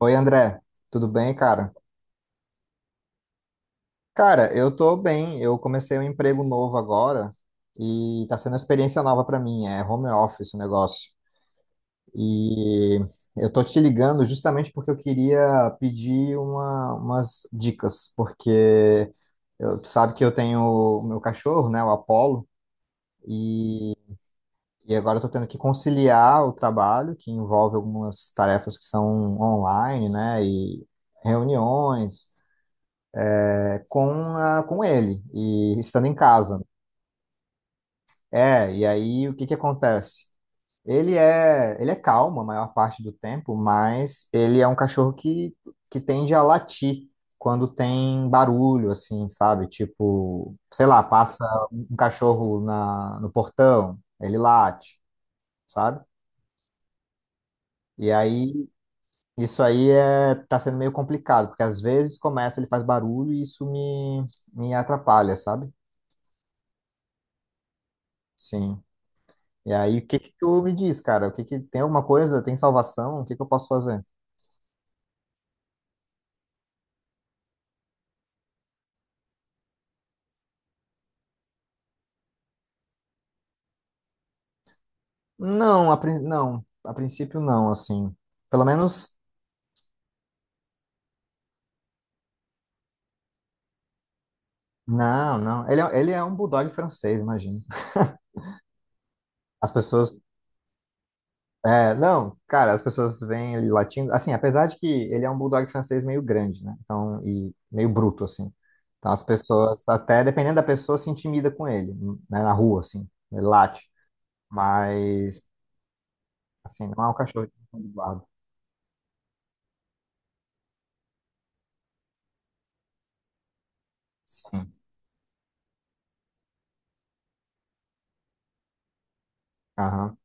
Oi, André, tudo bem, cara? Cara, eu tô bem. Eu comecei um emprego novo agora e tá sendo uma experiência nova pra mim. É home office o negócio. E eu tô te ligando justamente porque eu queria pedir umas dicas, porque eu, tu sabe que eu tenho o meu cachorro, né, o Apollo, e, e agora eu tô tendo que conciliar o trabalho, que envolve algumas tarefas que são online, né, e reuniões. Com, a, com ele e estando em casa. É, e aí o que que acontece? Ele é calmo a maior parte do tempo, mas ele é um cachorro que tende a latir quando tem barulho, assim, sabe? Tipo, sei lá, passa um cachorro no portão, ele late, sabe? E aí isso aí é, tá sendo meio complicado, porque às vezes começa, ele faz barulho e isso me atrapalha, sabe? Sim. E aí, o que que tu me diz, cara? O que que tem alguma coisa? Tem salvação? O que que eu posso fazer? Não, a, não, a princípio não, assim. Pelo menos, não, não. Ele é um bulldog francês, imagina. As pessoas, é, não, cara, as pessoas veem ele latindo, assim, apesar de que ele é um bulldog francês meio grande, né? Então, e meio bruto, assim. Então, as pessoas, até dependendo da pessoa, se intimida com ele, né? Na rua, assim, ele late. Mas, assim, não é um cachorro de guarda. Sim. Aham.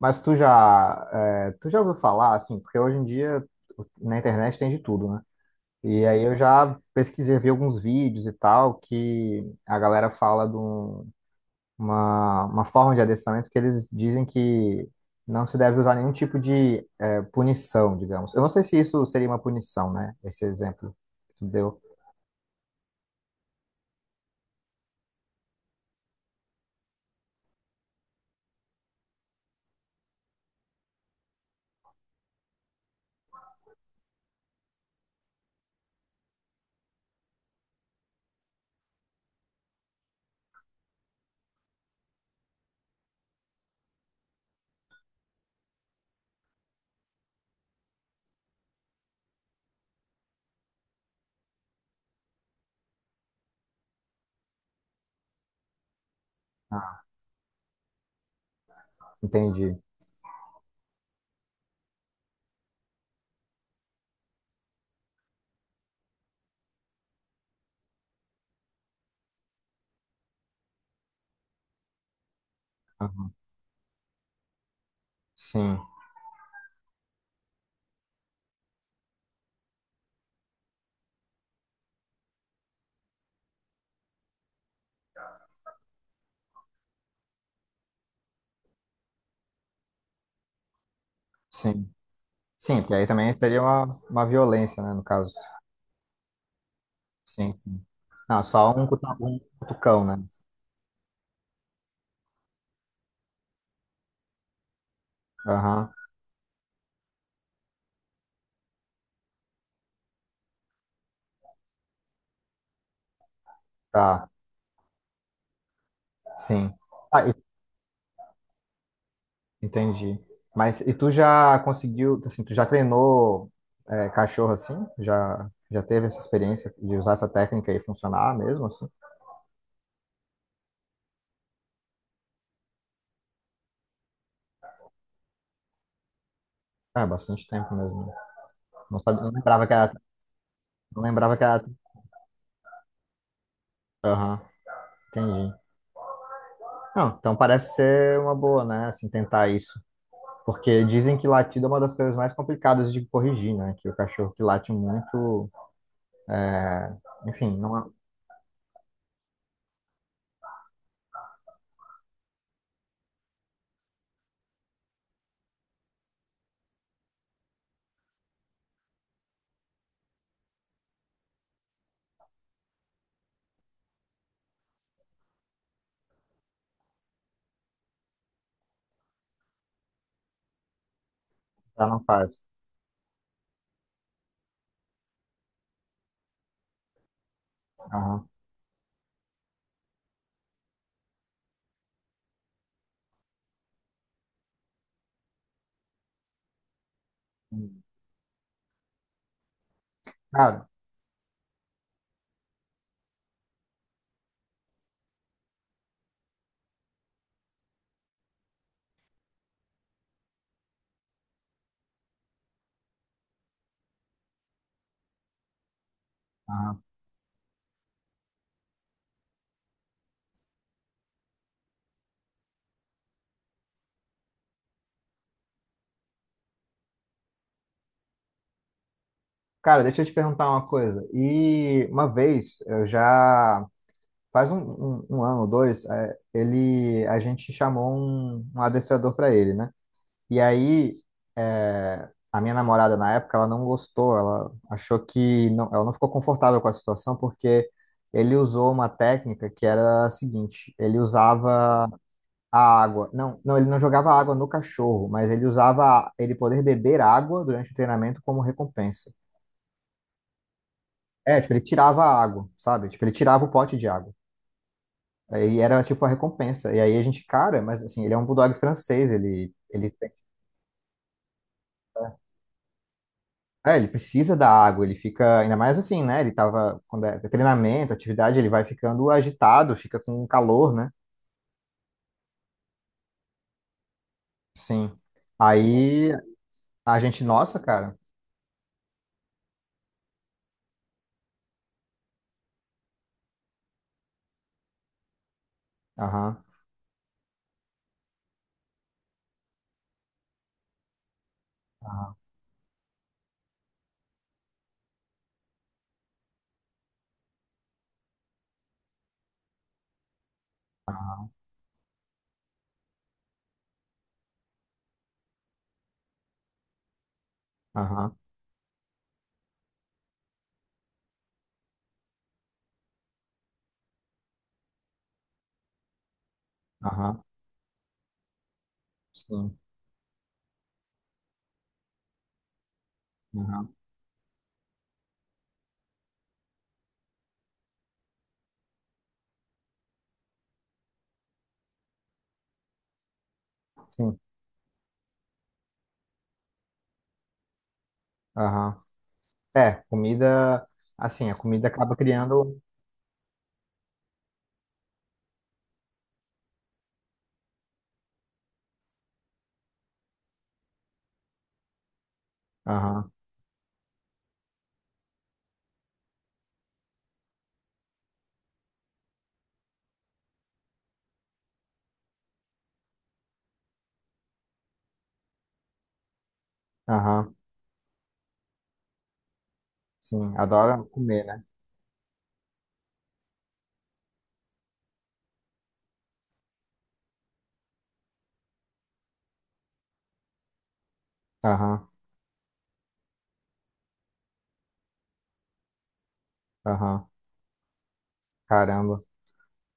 Mas tu já, é, tu já ouviu falar, assim, porque hoje em dia na internet tem de tudo, né? E aí eu já pesquisei, vi alguns vídeos e tal, que a galera fala de uma forma de adestramento que eles dizem que não se deve usar nenhum tipo de é, punição, digamos. Eu não sei se isso seria uma punição, né? Esse exemplo que tu deu. Ah, entendi. Aham. Sim, sim. Sim, porque aí também seria uma violência, né, no caso. Sim, sim. Não, só um um cutucão, né? Aham, tá, sim. Ah, e- entendi. Mas e tu já conseguiu, assim, tu já treinou é, cachorro assim? Já, já teve essa experiência de usar essa técnica e funcionar mesmo, assim? É, bastante tempo mesmo. Né? Não sabia, não lembrava que era, não lembrava que era. Aham, entendi. Não, então parece ser uma boa, né? Assim, tentar isso. Porque dizem que latido é uma das coisas mais complicadas de corrigir, né? Que o cachorro que late muito, enfim, não é. Já não faz. Aham. Cara, aham. Cara, deixa eu te perguntar uma coisa. E uma vez, eu já faz um ano ou dois, é, ele, a gente chamou um adestrador para ele, né? E aí, é, a minha namorada na época, ela não gostou, ela achou que não, ela não ficou confortável com a situação porque ele usou uma técnica que era a seguinte: ele usava a água. Não, não, ele não jogava água no cachorro, mas ele usava ele poder beber água durante o treinamento como recompensa. É, tipo, ele tirava a água, sabe? Tipo, ele tirava o pote de água. Aí era tipo a recompensa. E aí a gente, cara, mas assim, ele é um bulldog francês, ele sente- é, ele precisa da água, ele fica ainda mais assim, né? Ele tava quando é treinamento, atividade, ele vai ficando agitado, fica com calor, né? Sim. Aí a gente, nossa, cara. Aham. Aham. Aham. Aham. Sim. Aham. Sim, aham. É, comida, assim, a comida acaba criando. Aham, aham. Sim, adora comer, né? Aham, aham. Caramba.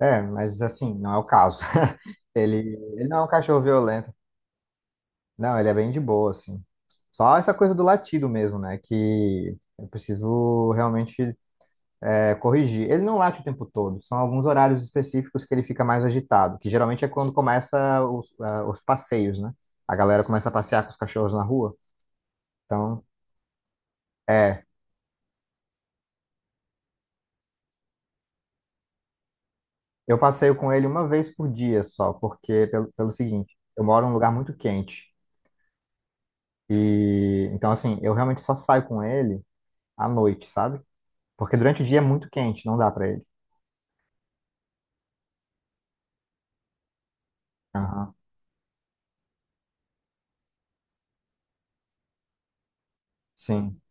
É, mas assim, não é o caso. Ele não é um cachorro violento. Não, ele é bem de boa, assim. Só essa coisa do latido mesmo, né? Que eu preciso realmente é, corrigir. Ele não late o tempo todo, são alguns horários específicos que ele fica mais agitado, que geralmente é quando começa os, ah, os passeios, né? A galera começa a passear com os cachorros na rua. Então, é, eu passeio com ele uma vez por dia só, porque pelo seguinte, eu moro num lugar muito quente. E então assim, eu realmente só saio com ele à noite, sabe? Porque durante o dia é muito quente, não dá pra ele. Aham. Sim.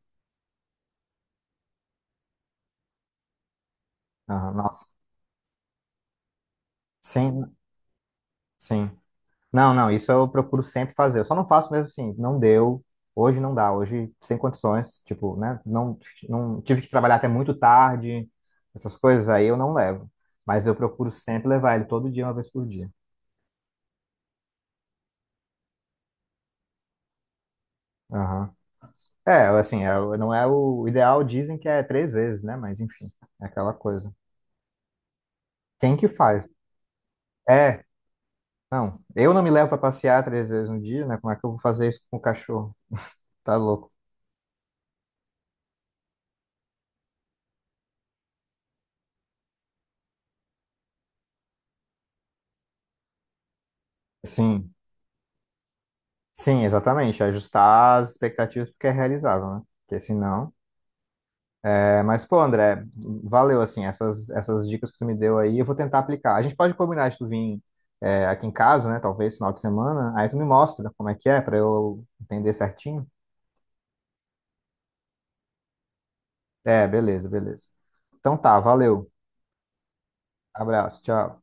Aham. Nossa. Sim, sim. Não, não, isso eu procuro sempre fazer. Eu só não faço mesmo assim, não deu. Hoje não dá, hoje sem condições, tipo, né? Não, não tive que trabalhar até muito tarde, essas coisas aí eu não levo. Mas eu procuro sempre levar ele todo dia, uma vez por dia. Aham. É, assim, é o- não é o ideal, dizem que é três vezes, né? Mas enfim, é aquela coisa. Quem que faz? É, não. Eu não me levo para passear três vezes no dia, né? Como é que eu vou fazer isso com o cachorro? Tá louco. Sim, sim, exatamente. Ajustar as expectativas porque é realizável, né? Porque senão. É, mas, pô, André, valeu, assim, essas dicas que tu me deu aí, eu vou tentar aplicar. A gente pode combinar de tu vir é, aqui em casa, né? Talvez final de semana, aí tu me mostra como é que é, para eu entender certinho. É, beleza, beleza. Então tá, valeu. Abraço, tchau.